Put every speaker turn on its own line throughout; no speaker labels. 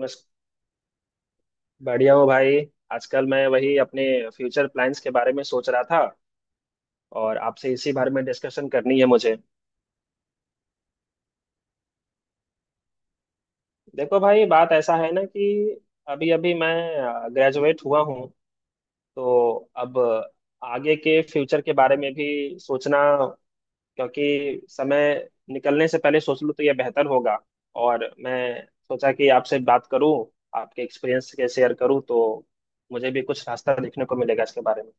बस बढ़िया हो भाई। आजकल मैं वही अपने फ्यूचर प्लान्स के बारे में सोच रहा था और आपसे इसी बारे में डिस्कशन करनी है मुझे। देखो भाई बात ऐसा है ना कि अभी अभी मैं ग्रेजुएट हुआ हूँ। तो अब आगे के फ्यूचर के बारे में भी सोचना, क्योंकि समय निकलने से पहले सोच लूँ तो यह बेहतर होगा। और मैं सोचा कि आपसे बात करूँ, आपके एक्सपीरियंस के शेयर करूँ तो मुझे भी कुछ रास्ता देखने को मिलेगा इसके बारे में।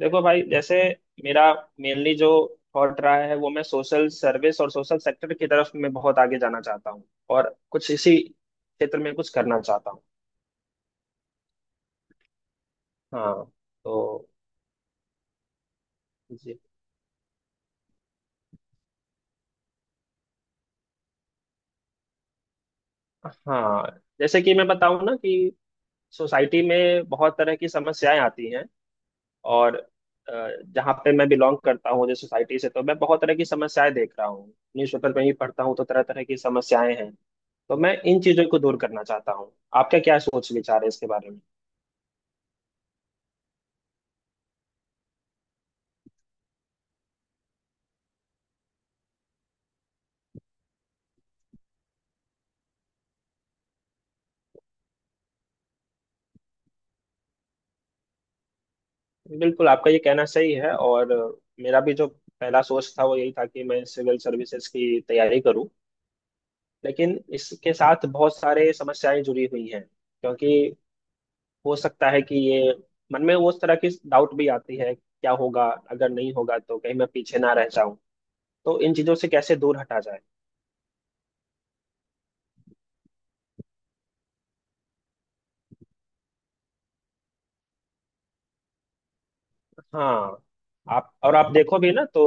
देखो भाई, जैसे मेरा मेनली जो थॉट रहा है वो मैं सोशल सर्विस और सोशल सेक्टर की तरफ मैं बहुत आगे जाना चाहता हूँ और कुछ इसी क्षेत्र में कुछ करना चाहता हूँ। हाँ तो जी। हाँ, जैसे कि मैं बताऊँ ना कि सोसाइटी में बहुत तरह की समस्याएं आती हैं। और अ, जहाँ पे मैं बिलोंग करता हूँ, जिस सोसाइटी से, तो मैं बहुत तरह की समस्याएं देख रहा हूँ। न्यूज़पेपर में ही पढ़ता हूँ तो तरह तरह की समस्याएं हैं। तो मैं इन चीजों को दूर करना चाहता हूँ। आपका क्या सोच विचार है इसके बारे में? बिल्कुल, आपका ये कहना सही है। और मेरा भी जो पहला सोच था वो यही था कि मैं सिविल सर्विसेज की तैयारी करूं। लेकिन इसके साथ बहुत सारे समस्याएं जुड़ी हुई हैं, क्योंकि हो सकता है कि ये मन में उस तरह की डाउट भी आती है, क्या होगा अगर नहीं होगा तो कहीं मैं पीछे ना रह जाऊं। तो इन चीजों से कैसे दूर हटा जाए? हाँ, आप और आप देखो भी ना तो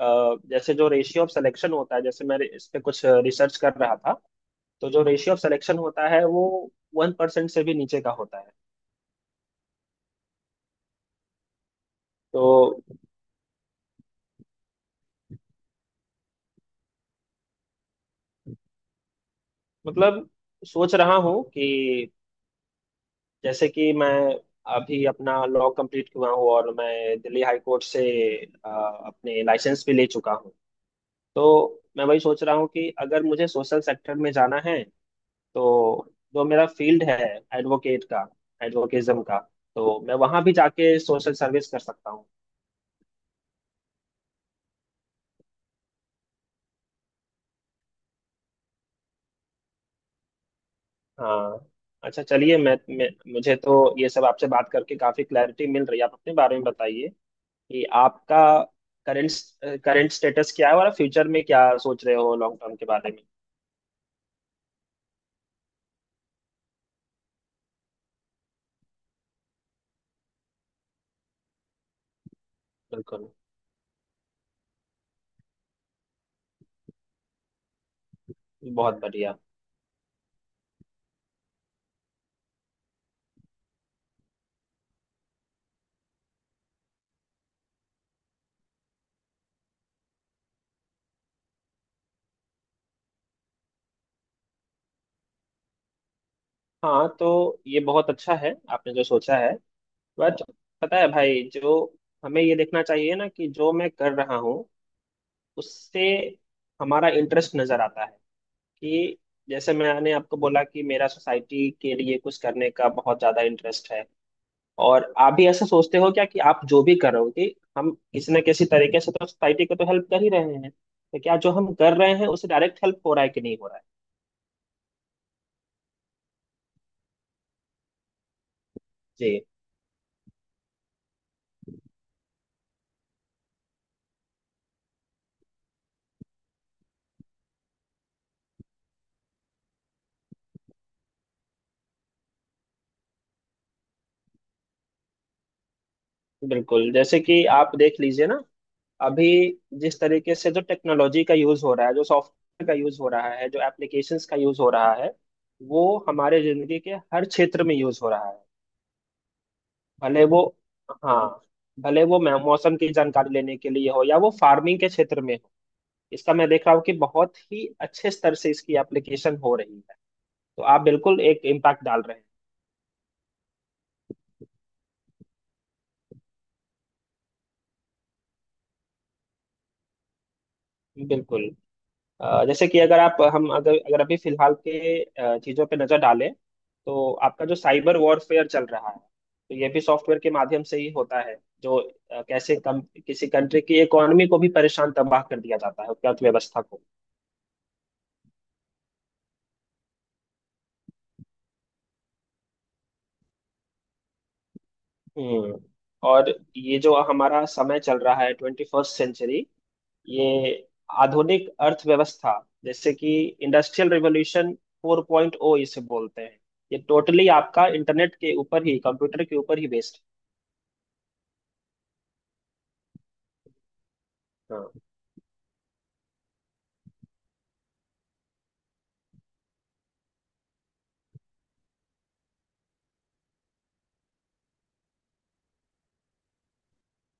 जैसे जो रेशियो ऑफ सिलेक्शन होता है, जैसे मैं इस पे कुछ रिसर्च कर रहा था। तो जो रेशियो ऑफ सिलेक्शन होता है वो 1% से भी नीचे का होता है। तो मतलब सोच रहा हूँ कि जैसे कि मैं अभी अपना लॉ कंप्लीट हुआ हूँ और मैं दिल्ली हाई कोर्ट से अ, अपने लाइसेंस भी ले चुका हूँ। तो मैं वही सोच रहा हूँ कि अगर मुझे सोशल सेक्टर में जाना है तो जो मेरा फील्ड है, एडवोकेट का एडवोकेज्म का, तो मैं वहां भी जाके सोशल सर्विस कर सकता हूँ। हाँ, अच्छा, चलिए मैं मुझे तो ये सब आपसे बात करके काफी क्लैरिटी मिल रही है। आप अपने बारे में बताइए कि आपका करंट करंट स्टेटस क्या है और फ्यूचर में क्या सोच रहे हो लॉन्ग टर्म के बारे में? बिल्कुल। बहुत बढ़िया। हाँ तो ये बहुत अच्छा है आपने जो सोचा है। बट पता है भाई जो, हमें ये देखना चाहिए ना कि जो मैं कर रहा हूँ उससे हमारा इंटरेस्ट नजर आता है कि, जैसे मैंने आपको बोला कि मेरा सोसाइटी के लिए कुछ करने का बहुत ज्यादा इंटरेस्ट है। और आप भी ऐसा सोचते हो क्या कि आप जो भी कर रहे हो, कि हम किसी न किसी तरीके से तो सोसाइटी को तो हेल्प कर ही रहे हैं, तो क्या जो हम कर रहे हैं उससे डायरेक्ट हेल्प हो रहा है कि नहीं हो रहा है? जी। बिल्कुल, जैसे कि आप देख लीजिए ना, अभी जिस तरीके से जो टेक्नोलॉजी का यूज हो रहा है, जो सॉफ्टवेयर का यूज हो रहा है, जो एप्लीकेशंस का यूज हो रहा है, वो हमारे जिंदगी के हर क्षेत्र में यूज हो रहा है। भले वो हाँ, भले वो मौसम की जानकारी लेने के लिए हो या वो फार्मिंग के क्षेत्र में हो। इसका मैं देख रहा हूँ कि बहुत ही अच्छे स्तर से इसकी एप्लीकेशन हो रही है। तो आप बिल्कुल एक इम्पैक्ट डाल रहे हैं। बिल्कुल। जैसे कि अगर आप हम अगर अगर अभी फिलहाल के चीजों पे नजर डालें तो आपका जो साइबर वॉरफेयर चल रहा है, तो ये भी सॉफ्टवेयर के माध्यम से ही होता है। जो कैसे कम किसी कंट्री की इकोनॉमी को भी परेशान तबाह कर दिया जाता है, उसकी अर्थव्यवस्था को। हम्म। और ये जो हमारा समय चल रहा है, 21st सेंचुरी, ये आधुनिक अर्थव्यवस्था, जैसे कि इंडस्ट्रियल रिवॉल्यूशन 4.0 इसे बोलते हैं, ये टोटली आपका इंटरनेट के ऊपर ही, कंप्यूटर के ऊपर ही बेस्ड। हाँ,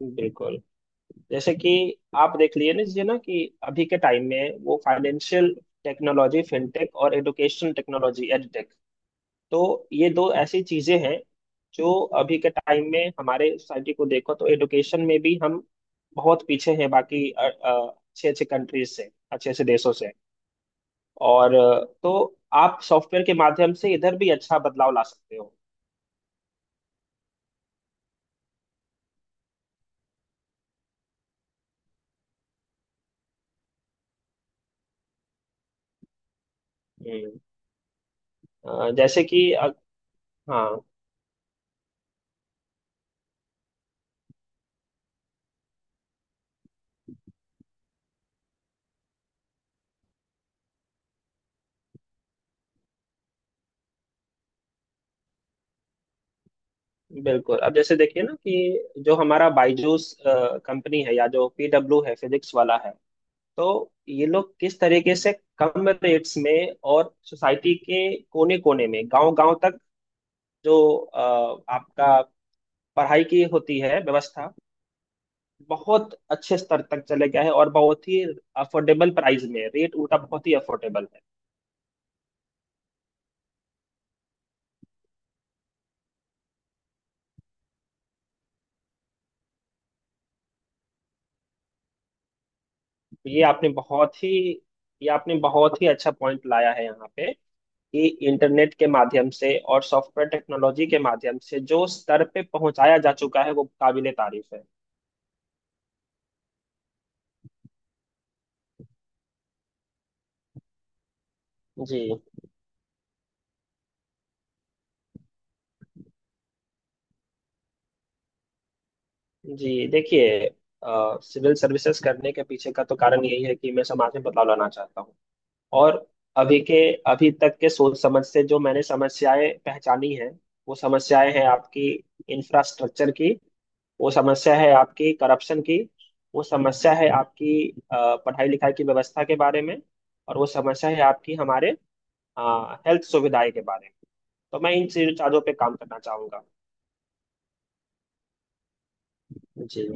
बिल्कुल, जैसे कि आप देख लिए ना जी ना कि अभी के टाइम में वो फाइनेंशियल टेक्नोलॉजी, फिनटेक, और एडुकेशन टेक्नोलॉजी, एडटेक, तो ये दो ऐसी चीजें हैं जो अभी के टाइम में हमारे सोसाइटी को देखो तो एडुकेशन में भी हम बहुत पीछे हैं बाकी अच्छे अच्छे कंट्रीज से, अच्छे अच्छे देशों से। और तो आप सॉफ्टवेयर के माध्यम से इधर भी अच्छा बदलाव ला सकते हो। हम्म। अ, जैसे कि अ, हाँ। बिल्कुल, अब जैसे देखिए ना कि जो हमारा बायजूस कंपनी है या जो पीडब्ल्यू है, फिजिक्स वाला है, तो ये लोग किस तरीके से कम रेट्स में और सोसाइटी के कोने कोने में, गांव गांव तक, जो आपका पढ़ाई की होती है व्यवस्था, बहुत अच्छे स्तर तक चले गया है। और बहुत ही अफोर्डेबल प्राइस में, रेट उनका बहुत ही अफोर्डेबल है। ये आपने बहुत ही ये आपने बहुत ही अच्छा पॉइंट लाया है यहाँ पे, कि इंटरनेट के माध्यम से और सॉफ्टवेयर टेक्नोलॉजी के माध्यम से जो स्तर पे पहुंचाया जा चुका है वो काबिले तारीफ है। जी। जी, देखिए, सिविल सर्विसेज करने के पीछे का तो कारण यही है कि मैं समाज में बदलाव लाना चाहता हूँ। और अभी के अभी तक के सोच समझ से जो मैंने समस्याएं पहचानी हैं, वो समस्याएं हैं आपकी इंफ्रास्ट्रक्चर की। वो समस्या है आपकी करप्शन की। वो समस्या है आपकी पढ़ाई लिखाई की व्यवस्था के बारे में। और वो समस्या है आपकी हमारे हेल्थ सुविधाएं के बारे में। तो मैं इन चीजों चारों पे काम करना चाहूंगा। जी।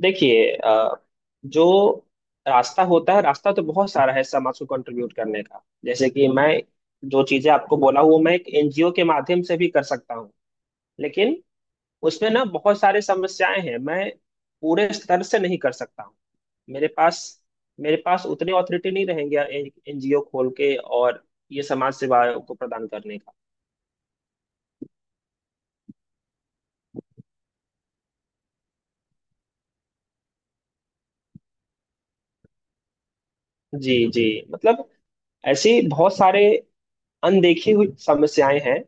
देखिए जो रास्ता होता है, रास्ता तो बहुत सारा है समाज को कंट्रीब्यूट करने का, जैसे कि मैं जो चीजें आपको बोला हूँ, मैं एक एनजीओ के माध्यम से भी कर सकता हूँ। लेकिन उसमें ना बहुत सारी समस्याएं हैं, मैं पूरे स्तर से नहीं कर सकता हूँ। मेरे पास मेरे पास उतनी ऑथोरिटी नहीं रहेंगे एनजीओ खोल के और ये समाज सेवा को प्रदान करने का। जी। जी, मतलब ऐसी बहुत सारे अनदेखी हुई समस्याएं हैं,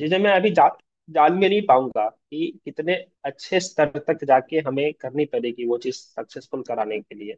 जिन्हें मैं अभी जान भी नहीं पाऊंगा कि कितने अच्छे स्तर तक जाके हमें करनी पड़ेगी वो चीज सक्सेसफुल कराने के लिए।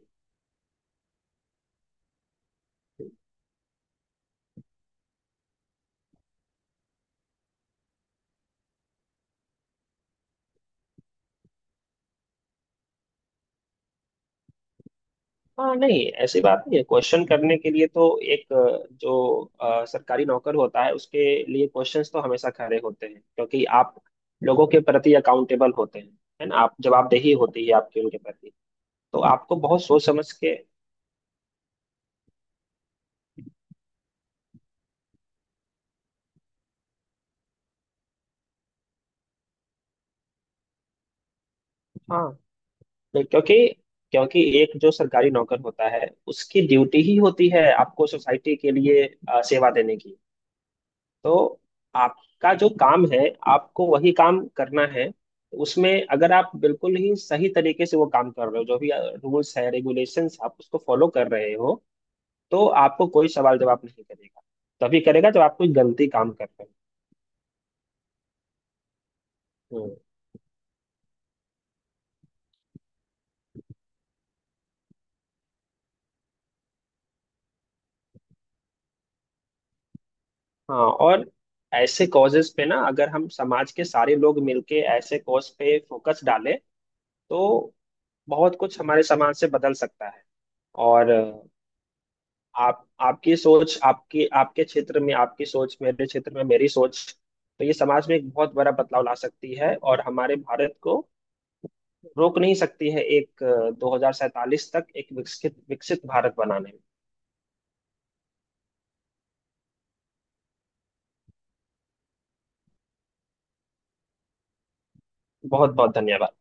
हाँ, नहीं ऐसी बात नहीं है। क्वेश्चन करने के लिए तो एक जो सरकारी नौकर होता है उसके लिए क्वेश्चंस तो हमेशा खड़े होते हैं, क्योंकि आप लोगों के प्रति अकाउंटेबल होते हैं। है ना, आप, जवाबदेही होती है आपकी उनके प्रति। तो आपको बहुत सोच समझ के। हाँ, नहीं, क्योंकि क्योंकि एक जो सरकारी नौकर होता है, उसकी ड्यूटी ही होती है आपको सोसाइटी के लिए सेवा देने की। तो आपका जो काम है, आपको वही काम करना है। उसमें अगर आप बिल्कुल ही सही तरीके से वो काम कर रहे हो, जो भी रूल्स है रेगुलेशंस आप उसको फॉलो कर रहे हो, तो आपको कोई सवाल जवाब नहीं करेगा। तभी करेगा जब आप कोई गलती काम कर रहे हो। हाँ। और ऐसे कॉजेस पे ना, अगर हम समाज के सारे लोग मिलके ऐसे कॉज पे फोकस डालें, तो बहुत कुछ हमारे समाज से बदल सकता है। और आप आपकी सोच, आपकी, आपके क्षेत्र में आपकी सोच, मेरे क्षेत्र में मेरी सोच, तो ये समाज में एक बहुत बड़ा बदलाव ला सकती है, और हमारे भारत को रोक नहीं सकती है एक 2047 तक एक विकसित विकसित भारत बनाने में। बहुत बहुत धन्यवाद।